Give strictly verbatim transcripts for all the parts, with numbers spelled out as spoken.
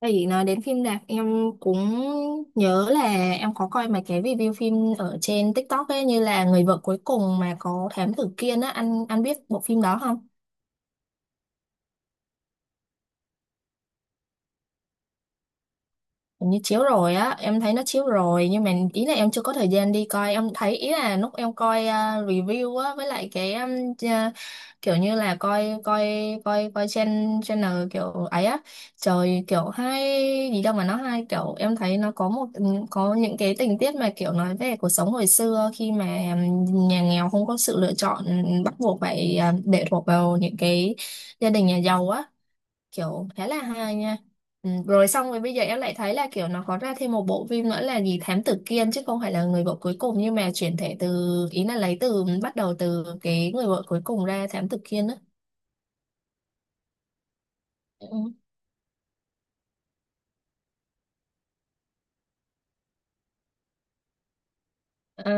Thì nói đến phim rạp em cũng nhớ là em có coi mấy cái review phim ở trên TikTok ấy, như là Người vợ cuối cùng mà có Thám tử Kiên á, anh anh biết bộ phim đó không? Hình như chiếu rồi á, em thấy nó chiếu rồi nhưng mà ý là em chưa có thời gian đi coi. Em thấy ý là lúc em coi à, review á, với lại cái um, ch- kiểu như là coi coi coi coi channel, channel kiểu ấy á, trời kiểu hay gì đâu mà nó hay, kiểu em thấy nó có một có những cái tình tiết mà kiểu nói về cuộc sống hồi xưa, khi mà um, nhà nghèo không có sự lựa chọn, bắt buộc phải à, lệ thuộc vào những cái gia đình nhà giàu á, kiểu khá là hay nha. Ừ, rồi xong rồi bây giờ em lại thấy là kiểu nó có ra thêm một bộ phim nữa là gì Thám Tử Kiên, chứ không phải là Người vợ cuối cùng, nhưng mà chuyển thể từ, ý là lấy từ, bắt đầu từ cái Người vợ cuối cùng ra Thám Tử Kiên á. Ừ. Ờ,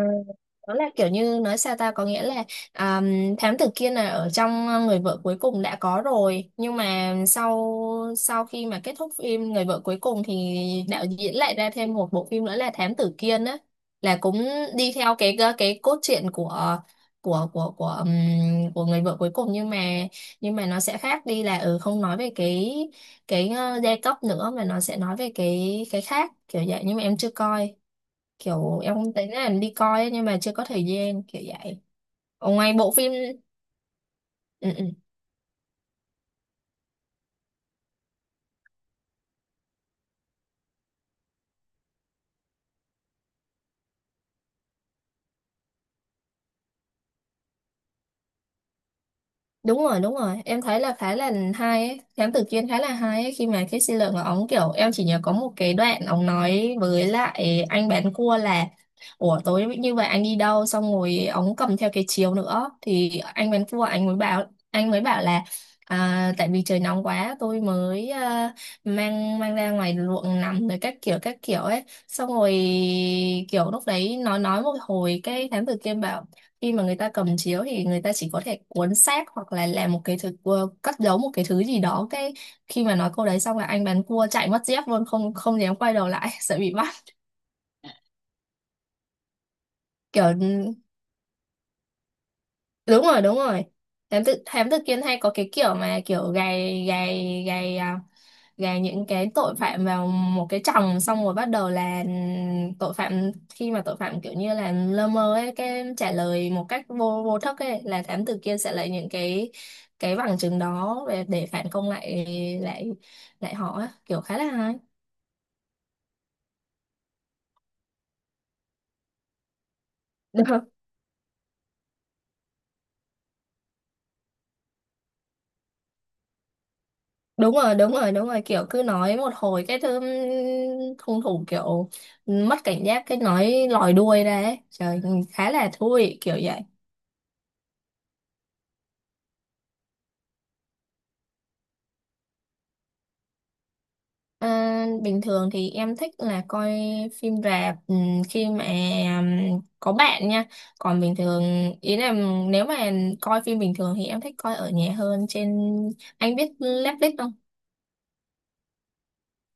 đó là kiểu như nói sao ta, có nghĩa là à, thám tử Kiên là ở trong ờ, Người vợ cuối cùng đã có rồi, nhưng mà sau sau khi mà kết thúc phim Người vợ cuối cùng thì đạo diễn lại ra thêm một bộ phim nữa là thám tử Kiên á, là cũng đi theo cái ờ, cái cốt truyện của của của của ừm, của Người vợ cuối cùng, nhưng mà nhưng mà nó sẽ khác đi, là ừ không nói về cái cái ờ, giai cấp nữa, mà nó sẽ nói về cái cái khác kiểu vậy, nhưng mà em chưa coi. Kiểu em cũng tính là đi coi ấy, nhưng mà chưa có thời gian kiểu vậy, ở ngoài bộ phim. Ừ, ừ. Đúng rồi, đúng rồi, em thấy là khá là hay ấy. Thám tử Kiên khá là hay ấy. Khi mà cái Sư Lượng của ống, kiểu em chỉ nhớ có một cái đoạn ống nói với lại anh bán cua là ủa tối như vậy anh đi đâu, xong rồi ống cầm theo cái chiếu nữa, thì anh bán cua anh mới bảo anh mới bảo là à, tại vì trời nóng quá tôi mới à, mang mang ra ngoài ruộng nằm rồi các kiểu các kiểu ấy. Xong rồi kiểu lúc đấy nó nói một hồi, cái thám tử Kiên bảo khi mà người ta cầm chiếu thì người ta chỉ có thể cuốn xác hoặc là làm một cái thứ ờ, cất giấu một cái thứ gì đó. Cái khi mà nói câu đấy xong là anh bán cua chạy mất dép luôn, không không dám quay đầu lại sợ bị bắt kiểu. Ừ, đúng rồi, đúng rồi. Thám tử thám tử Kiên hay có cái kiểu mà kiểu gài gài gài à, gà những cái tội phạm vào một cái chồng, xong rồi bắt đầu là tội phạm khi mà tội phạm kiểu như là lơ mơ ấy, cái trả lời một cách vô vô thức ấy, là thám tử kia sẽ lấy những cái cái bằng chứng đó để, để phản công lại lại lại họ á. Kiểu khá là hay. Đúng rồi đúng rồi đúng rồi đúng rồi. Kiểu cứ nói một hồi cái thứ hung thủ kiểu mất cảnh giác, cái nói lòi đuôi ra ấy trời, khá là thú vị kiểu vậy. À, bình thường thì em thích là coi phim rạp ừm, khi mà ừm, có bạn nha. Còn bình thường, ý là nếu mà coi phim bình thường thì em thích coi ở nhà hơn. Trên, anh biết Netflix không?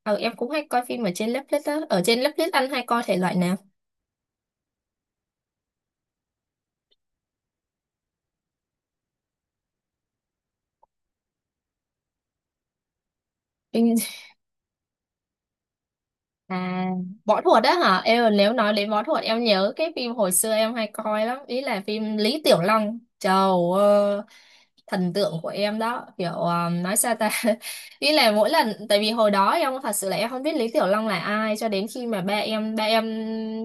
Ờ em cũng hay coi phim ở trên Netflix á. Ở trên Netflix anh hay coi thể loại nào? Phim à võ thuật đó hả? Em nếu nói đến võ thuật, em nhớ cái phim hồi xưa em hay coi lắm, ý là phim Lý Tiểu Long. Trời ơi, thần tượng của em đó. Kiểu ờ, nói sao ta ý là mỗi lần, tại vì hồi đó em thật sự là em không biết Lý Tiểu Long là ai cho đến khi mà ba em ba em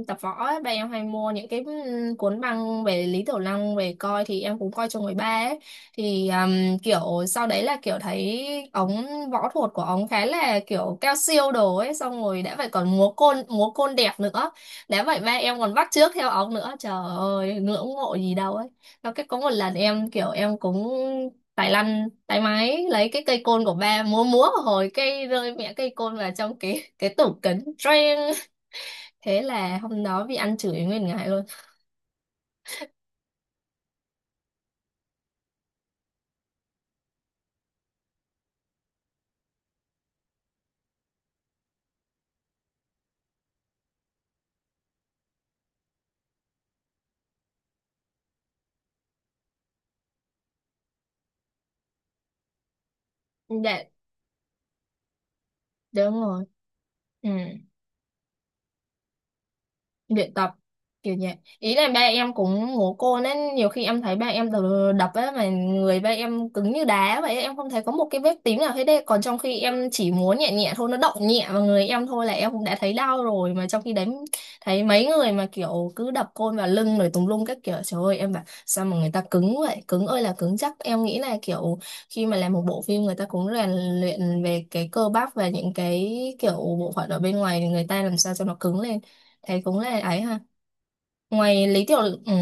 tập võ ấy, ba em hay mua những cái ừ, cuốn băng về Lý Tiểu Long về coi, thì em cũng coi cho người ba ấy. Thì ừm, kiểu sau đấy là kiểu thấy ống, võ thuật của ống khá là kiểu cao siêu đồ ấy, xong rồi đã vậy còn múa côn múa côn đẹp nữa. Đã vậy ba em còn bắt chước theo ống nữa, trời ơi ngưỡng mộ gì đâu ấy. Nó cái có một lần em kiểu em cũng tài lăn tay máy lấy cái cây côn của ba múa múa hồi cây rơi mẹ cây côn vào trong cái cái tủ kính Trang, thế là hôm đó bị ăn chửi nguyên ngày luôn. Dạ, đúng rồi. Ừ. Luyện tập. Kiểu nhẹ, ý là ba em cũng ngố cô, nên nhiều khi em thấy ba em đ- đập á mà người ba em cứng như đá vậy ấy, em không thấy có một cái vết tím nào hết đấy, còn trong khi em chỉ muốn nhẹ, nhẹ thôi nó động nhẹ vào người em thôi là em cũng đã thấy đau rồi, mà trong khi đấy thấy mấy người mà kiểu cứ đập côn vào lưng rồi tùm lum các kiểu, trời ơi em bảo sao mà người ta cứng vậy, cứng ơi là cứng. Chắc em nghĩ là kiểu khi mà làm một bộ phim, người ta cũng rèn luyện về cái cơ bắp và những cái kiểu bộ phận ở bên ngoài, thì người ta làm sao cho nó cứng lên. Thế cũng là ấy ha. Ngoài Lý Tiểu Lực- ừ.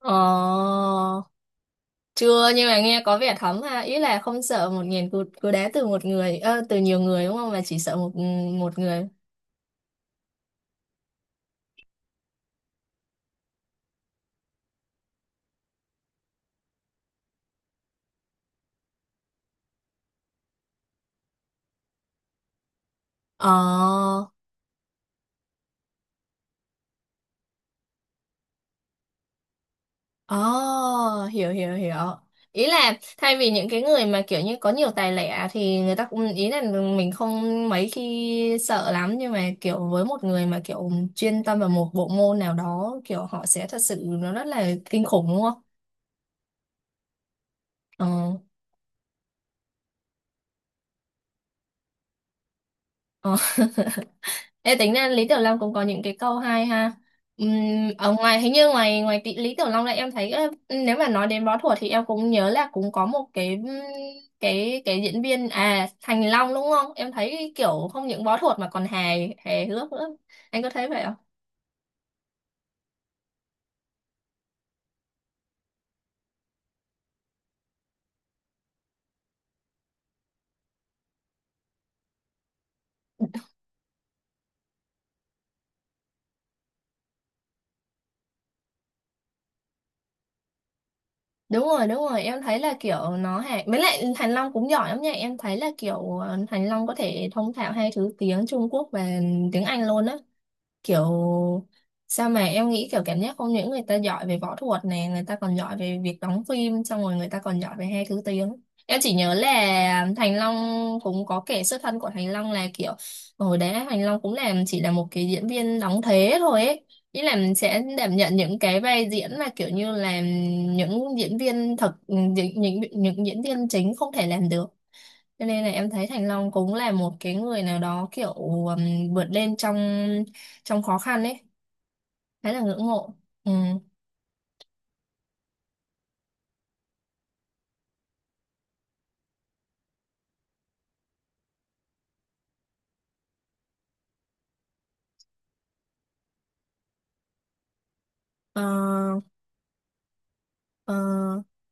Ờ, chưa, nhưng mà nghe có vẻ thấm ha. Ý là không sợ một nghìn cú, cú đá từ một người, ờ, từ nhiều người đúng không? Mà chỉ sợ một một người. Ờ, ờ, hiểu hiểu hiểu. Ý là thay vì những cái người mà kiểu như có nhiều tài lẻ, thì người ta cũng ý là mình không mấy khi sợ lắm, nhưng mà kiểu với một người mà kiểu chuyên tâm vào một bộ môn nào đó, kiểu họ sẽ thật sự nó rất là kinh khủng đúng không? Ờ. Ờ. Ê, tính ra Lý Tiểu Long cũng có những cái câu hay ha. Ừm, ở ngoài hình như ngoài ngoài tí, Lý Tiểu Long là em thấy ơ, nếu mà nói đến võ thuật thì em cũng nhớ là cũng có một cái ừm, cái cái diễn viên à Thành Long đúng không? Em thấy kiểu không những võ thuật mà còn hài hài hước nữa. Anh có thấy vậy không? Đúng rồi, đúng rồi, em thấy là kiểu nó hài. Với lại Thành Long cũng giỏi lắm nha. Em thấy là kiểu ờ, Thành Long có thể thông thạo hai thứ tiếng, Trung Quốc và tiếng Anh luôn á. Kiểu sao mà em nghĩ kiểu cảm giác không những người ta giỏi về võ thuật này, người ta còn giỏi về việc đóng phim, xong rồi người ta còn giỏi về hai thứ tiếng. Em chỉ nhớ là Thành Long cũng có kể xuất thân của Thành Long là kiểu hồi đấy Thành Long cũng làm chỉ là một cái diễn viên đóng thế thôi ấy, ý là sẽ đảm nhận những cái vai diễn mà kiểu như là những diễn viên thật, những, những những diễn viên chính không thể làm được, cho nên là em thấy Thành Long cũng là một cái người nào đó kiểu um, vượt lên trong, trong khó khăn ấy, khá là ngưỡng mộ. Ừ. Ờ. Ờ,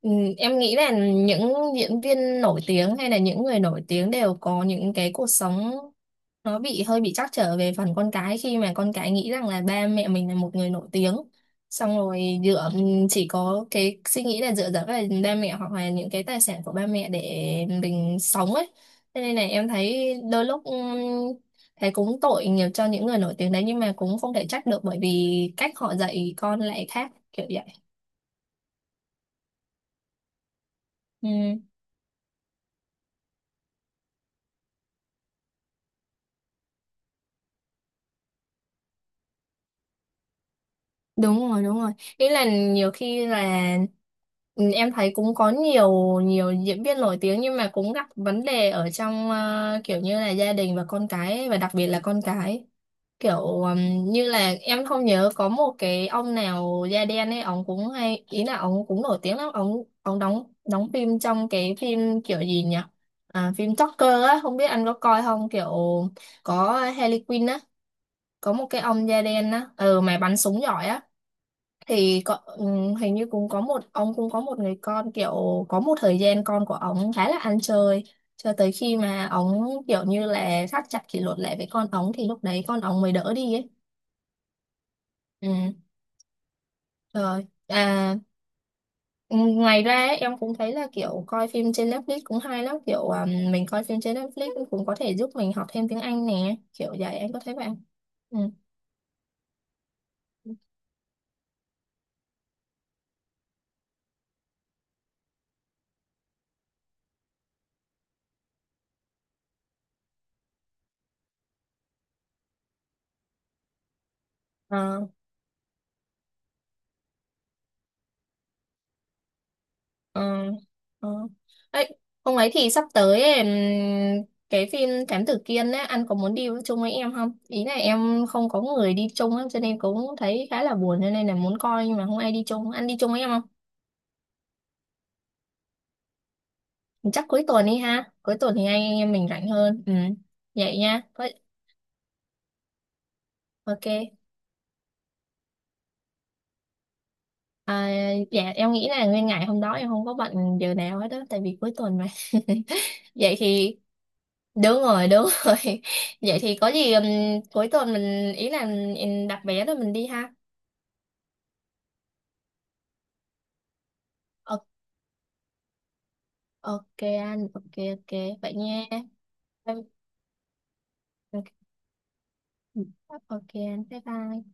ừ, em nghĩ là những diễn viên nổi tiếng hay là những người nổi tiếng đều có những cái cuộc sống nó bị hơi bị trắc trở về phần con cái, khi mà con cái nghĩ rằng là ba mẹ mình là một người nổi tiếng, xong rồi dựa chỉ có cái suy nghĩ là dựa dẫm vào ba mẹ hoặc là những cái tài sản của ba mẹ để mình sống ấy. Thế nên là em thấy đôi lúc, ừm, thấy cũng tội nhiều cho những người nổi tiếng đấy, nhưng mà cũng không thể trách được, bởi vì cách họ dạy con lại khác kiểu vậy. Ừ. Đúng rồi, đúng rồi, ý là nhiều khi là ừ, em thấy cũng có nhiều nhiều diễn viên nổi tiếng nhưng mà cũng gặp vấn đề ở trong ờ, kiểu như là gia đình và con cái ấy, và đặc biệt là con cái kiểu ừm, như là em không nhớ có một cái ông nào da đen ấy, ông cũng hay, ý là ông cũng nổi tiếng lắm. Ông ông đóng đóng phim trong cái phim kiểu gì nhỉ, à, phim Joker á, không biết anh có coi không, kiểu có Harley Quinn á, có một cái ông da đen á, ừ mà bắn súng giỏi á, thì có, ừm, hình như cũng có một ông cũng có một người con, kiểu có một thời gian con của ông khá là ăn chơi cho tới khi mà ông kiểu như là thắt chặt kỷ luật lại với con ông, thì lúc đấy con ông mới đỡ đi ấy. Ừ. Rồi à. Ừ, ngoài ra ấy, em cũng thấy là kiểu coi phim trên Netflix cũng hay lắm, kiểu à, mình coi phim trên Netflix cũng có thể giúp mình học thêm tiếng Anh nè, kiểu vậy anh có thấy vậy không? Ừ. Ờ, ờ, ờ. Ấy, hôm ấy thì sắp tới ấy, ừm, cái phim Thám Tử Kiên ấy, anh có muốn đi chung với em không? Ý là em không có người đi chung ấy, cho nên cũng thấy khá là buồn, cho nên là muốn coi nhưng mà không ai đi chung. Anh đi chung với em không? Chắc cuối tuần đi ha. Cuối tuần thì anh em mình rảnh hơn. Ừ. Vậy nha. Có- ok. À, dạ em nghĩ là nguyên ngày hôm đó em không có bận điều nào hết đó, tại vì cuối tuần mà. Vậy thì đúng rồi, đúng rồi vậy thì có gì, ừm, cuối tuần mình, ý là mình đặt vé rồi mình đi ha. Ờ, ok anh ok, ok vậy nha. Bye- ok anh bye bye.